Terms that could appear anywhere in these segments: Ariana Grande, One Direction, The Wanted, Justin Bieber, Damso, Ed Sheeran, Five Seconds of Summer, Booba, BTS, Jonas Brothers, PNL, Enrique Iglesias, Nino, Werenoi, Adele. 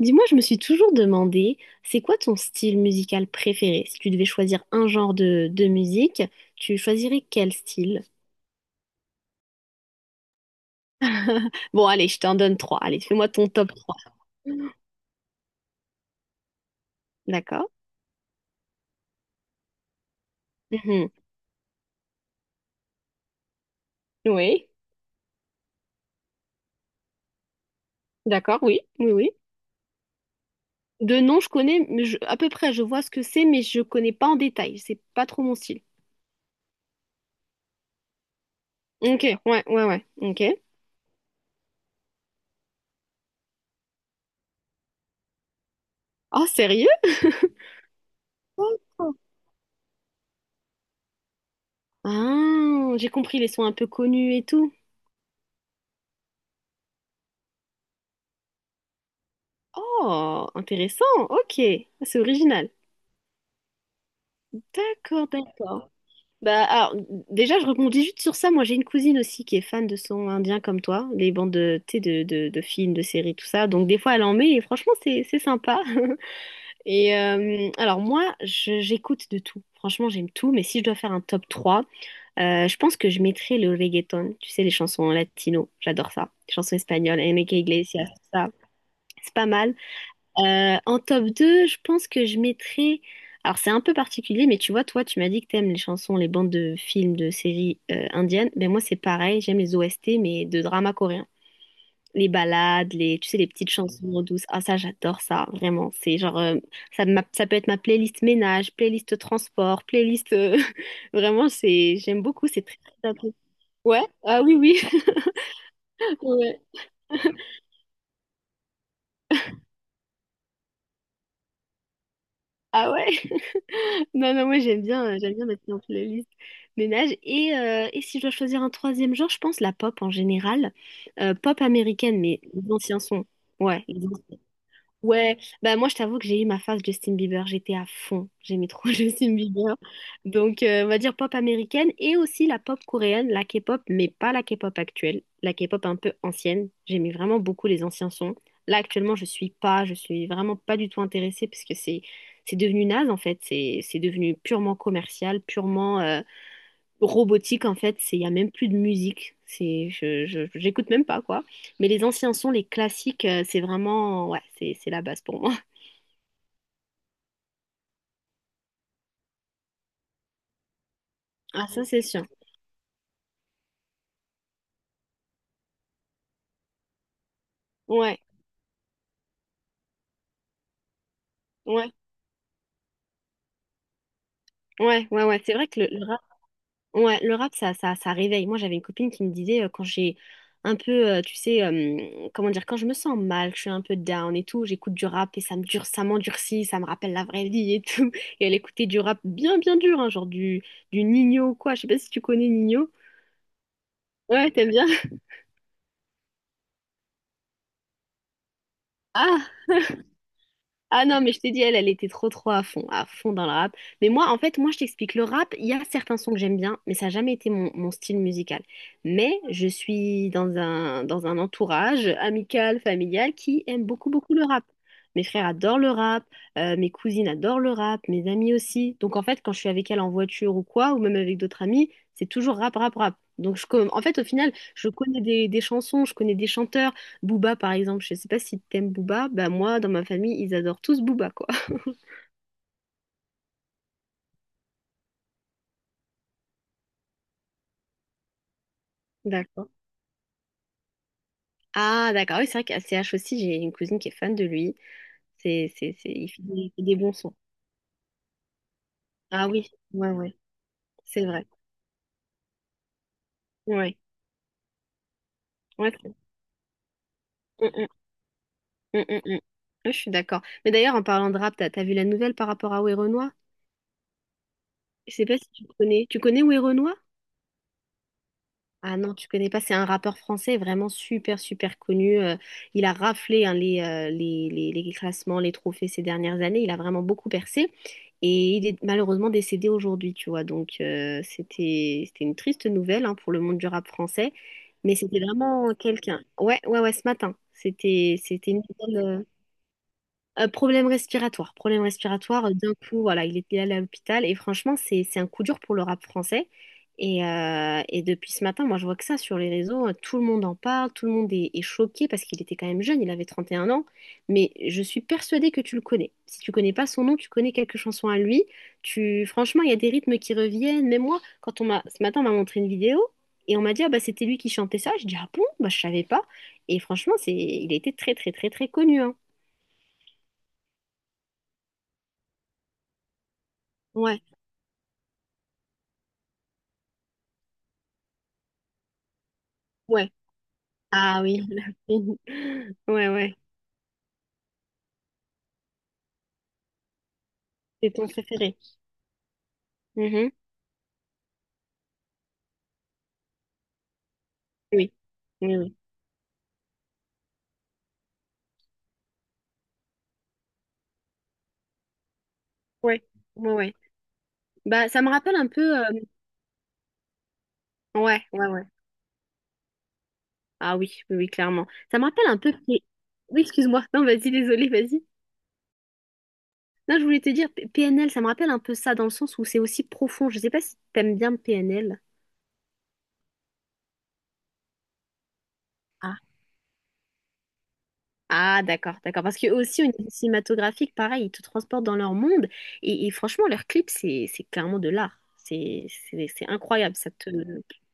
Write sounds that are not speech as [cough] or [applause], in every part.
Dis-moi, je me suis toujours demandé, c'est quoi ton style musical préféré? Si tu devais choisir un genre de musique, tu choisirais quel style? Bon, allez, je t'en donne trois. Allez, fais-moi ton top 3. D'accord? Mhm. Oui, d'accord, oui, oui, oui. De nom, je connais, mais à peu près, je vois ce que c'est, mais je connais pas en détail. C'est pas trop mon style. Ok, ouais, ouais, ouais, ok. Oh, sérieux? D'accord. Ah, j'ai compris les sons un peu connus et tout. Oh, intéressant, ok, c'est original. D'accord, d'accord. Bah, alors, déjà, je rebondis juste sur ça. Moi, j'ai une cousine aussi qui est fan de son indien comme toi, les bandes de, tu sais, de films, de séries, tout ça. Donc, des fois, elle en met et franchement, c'est sympa. [laughs] Et alors, moi, j'écoute de tout. Franchement, j'aime tout. Mais si je dois faire un top 3, je pense que je mettrais le reggaeton. Tu sais, les chansons latino. J'adore ça. Les chansons espagnoles, Enrique Iglesias, tout ça. C'est pas mal. En top 2, je pense que je mettrais. Alors, c'est un peu particulier, mais tu vois, toi, tu m'as dit que t'aimes les chansons, les bandes de films, de séries indiennes. Ben, moi, c'est pareil, j'aime les OST, mais de drama coréen. Les ballades, les, tu sais, les petites chansons douces. Ah, ça, j'adore ça, vraiment. C'est genre, ça peut être ma playlist ménage, playlist transport, playlist. [laughs] Vraiment, j'aime beaucoup, c'est très, très. Ouais, ah oui, oui. [laughs] Ouais. Ah ouais. [laughs] Non, non, moi j'aime bien mettre en playlist ménage. Et si je dois choisir un troisième genre, je pense la pop en général. Pop américaine, mais les anciens sons. Ouais, les ouais, bah moi je t'avoue que j'ai eu ma phase Justin Bieber, j'étais à fond, j'aimais trop [laughs] Justin Bieber. Donc on va dire pop américaine et aussi la pop coréenne, la K-pop, mais pas la K-pop actuelle, la K-pop un peu ancienne. J'aimais vraiment beaucoup les anciens sons. Là actuellement je suis pas, je suis vraiment pas du tout intéressée parce que c'est devenu naze en fait, c'est devenu purement commercial, purement robotique en fait, c'est il y a même plus de musique, c'est j'écoute même pas quoi. Mais les anciens sons, les classiques, c'est vraiment ouais, c'est la base pour moi. [laughs] Ah ça c'est sûr. Ouais, ouais, ouais, ouais, ouais. C'est vrai que le rap, ouais, le rap ça réveille. Moi j'avais une copine qui me disait quand j'ai un peu, tu sais, comment dire, quand je me sens mal, je suis un peu down et tout, j'écoute du rap et ça me dure, ça m'endurcit, ça me rappelle la vraie vie et [laughs] tout. Et elle écoutait du rap bien bien dur, hein, genre du Nino ou quoi. Je sais pas si tu connais Nino. Ouais, t'aimes bien? Ah, [laughs] ah non, mais je t'ai dit, elle était trop, trop à fond dans le rap. Mais moi, en fait, moi, je t'explique, le rap, il y a certains sons que j'aime bien, mais ça n'a jamais été mon style musical. Mais je suis dans un entourage amical, familial, qui aime beaucoup, beaucoup le rap. Mes frères adorent le rap, mes cousines adorent le rap, mes amis aussi. Donc, en fait, quand je suis avec elle en voiture ou quoi, ou même avec d'autres amis, c'est toujours rap, rap, rap. Donc, en fait, au final, je connais des chansons, je connais des chanteurs. Booba, par exemple, je sais pas si t'aimes Booba, bah moi, dans ma famille, ils adorent tous Booba, quoi. [laughs] D'accord. Ah, d'accord, oui, c'est vrai qu'à CH aussi, j'ai une cousine qui est fan de lui. Il fait des bons sons. Ah oui, ouais, ouais, c'est vrai. Ouais, ouais. Mm, mm, mm, mm, mm. Ouais, je suis d'accord. Mais d'ailleurs, en parlant de rap, t'as vu la nouvelle par rapport à Werenoi? Je sais pas si tu connais. Tu connais Werenoi? Ah non, tu connais pas, c'est un rappeur français vraiment super super connu. Il a raflé hein, les classements, les trophées ces dernières années. Il a vraiment beaucoup percé et il est malheureusement décédé aujourd'hui, tu vois. Donc c'était une triste nouvelle hein, pour le monde du rap français, mais c'était vraiment quelqu'un. Ouais ouais ouais, ce matin, c'était une nouvelle. Problème respiratoire, problème respiratoire. D'un coup, voilà, il était allé à l'hôpital et franchement, c'est un coup dur pour le rap français. Et depuis ce matin, moi, je vois que ça sur les réseaux, tout le monde en parle, tout le monde est choqué parce qu'il était quand même jeune, il avait 31 ans. Mais je suis persuadée que tu le connais. Si tu connais pas son nom, tu connais quelques chansons à lui. Franchement, il y a des rythmes qui reviennent. Même moi, quand on m'a ce matin, on m'a montré une vidéo et on m'a dit ah bah c'était lui qui chantait ça. Je dis ah bon, bah je savais pas. Et franchement, il était très très très très connu, hein. Ouais. Ouais. Ah oui, [laughs] la fine. Ouais, ouais. C'est ton préféré. Mhm. Oui. Oui, oui. Ouais, ouais, ouais. Bah, ça me rappelle un peu. Ouais, ouais, ouais. Ah oui, oui, oui, clairement. Ça me rappelle un peu. Oui, excuse-moi. Non, vas-y, désolé, vas-y. Non, je voulais te dire, PNL, ça me rappelle un peu ça dans le sens où c'est aussi profond. Je sais pas si t'aimes bien PNL. Ah, d'accord, d'accord. Parce que aussi, au niveau cinématographique, pareil, ils te transportent dans leur monde. Et franchement, leurs clips, c'est clairement de l'art. C'est incroyable. Ça te,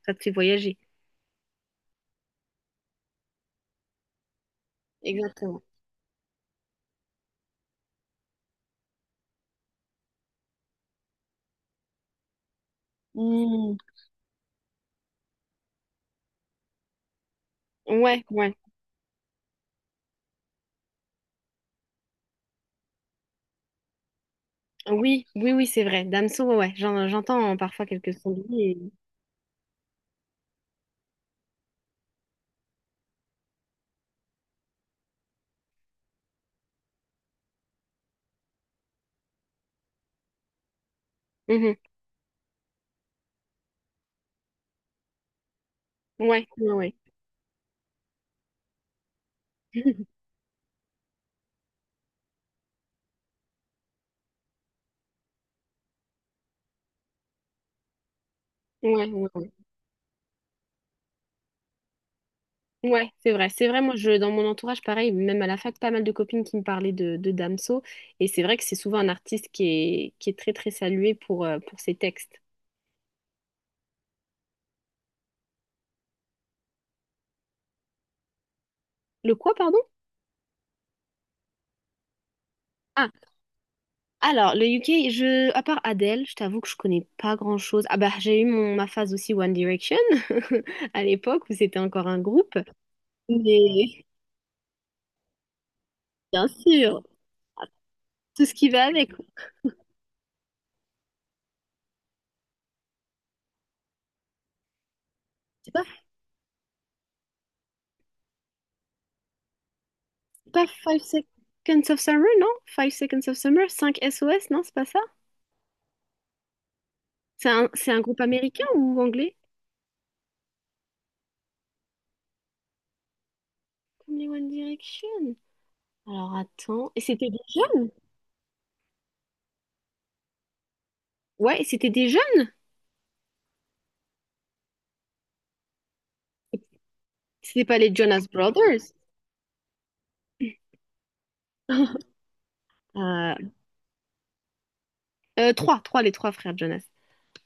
ça te fait voyager. Exactement. Hmm. Ouais, ouais. Oui, oui, oui, c'est vrai. Damso, ouais, ouais. J'entends parfois quelques sons de lui Mhm. Ouais, ouais, ouais. [laughs] Ouais, ouais, ouais. Ouais, c'est vrai. C'est vrai, moi, dans mon entourage, pareil, même à la fac, pas mal de copines qui me parlaient de Damso. Et c'est vrai que c'est souvent un artiste qui est très, très salué pour ses textes. Le quoi, pardon? Ah, alors, le UK, à part Adele, je t'avoue que je connais pas grand-chose. Ah bah, j'ai eu ma phase aussi One Direction, [laughs] à l'époque où c'était encore un groupe. Mais, bien sûr, tout ce qui va avec. C'est pas Five Seconds of Summer, non? Five Seconds of Summer, 5SOS, non? C'est pas ça? C'est un groupe américain ou anglais? Comme les One Direction. Alors attends. Et c'était des jeunes? Ouais, et c'était des jeunes. C'était pas les Jonas Brothers. [laughs] Euh, trois, les trois frères Jonas.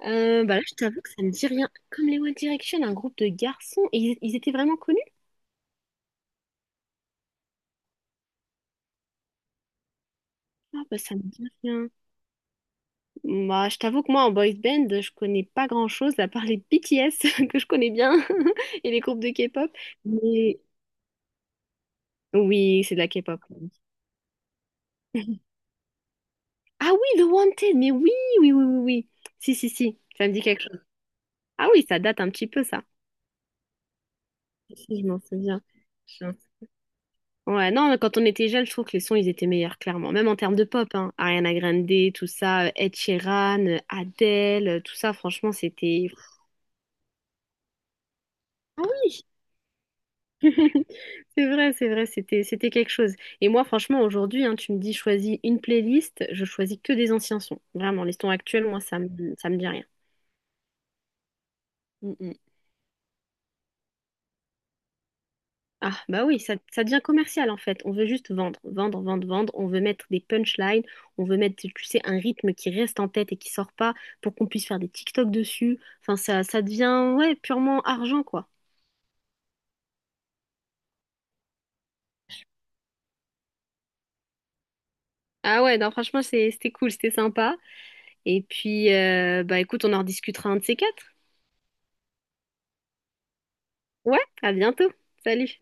Bah là, je t'avoue que ça me dit rien. Comme les One Direction, un groupe de garçons. Et ils étaient vraiment connus? Ah bah ça me dit rien. Bah je t'avoue que moi en boys band, je connais pas grand-chose à part les BTS [laughs] que je connais bien [laughs] et les groupes de K-pop. Mais oui, c'est de la K-pop. Ah oui, The Wanted, mais oui, oui, oui, oui, oui. Si, si, si, ça me dit quelque chose. Ah oui, ça date un petit peu, ça. Si, si, je m'en souviens. Je m'en- Ouais, non, mais quand on était jeunes, je trouve que les sons, ils étaient meilleurs, clairement. Même en termes de pop, hein. Ariana Grande, tout ça, Ed Sheeran, Adele, tout ça, franchement, c'était. Ah oui! [laughs] C'est vrai, c'était quelque chose. Et moi, franchement, aujourd'hui, hein, tu me dis, choisis une playlist, je choisis que des anciens sons. Vraiment, les sons actuels, moi, ça me dit rien. Mm, mm. Ah, bah oui, ça devient commercial en fait. On veut juste vendre, vendre, vendre, vendre. On veut mettre des punchlines. On veut mettre, tu sais, un rythme qui reste en tête et qui sort pas pour qu'on puisse faire des TikTok dessus. Enfin, ça devient, ouais, purement argent, quoi. Ah ouais, non, franchement, c'était cool, c'était sympa. Et puis, bah écoute, on en rediscutera un de ces quatre. Ouais, à bientôt. Salut.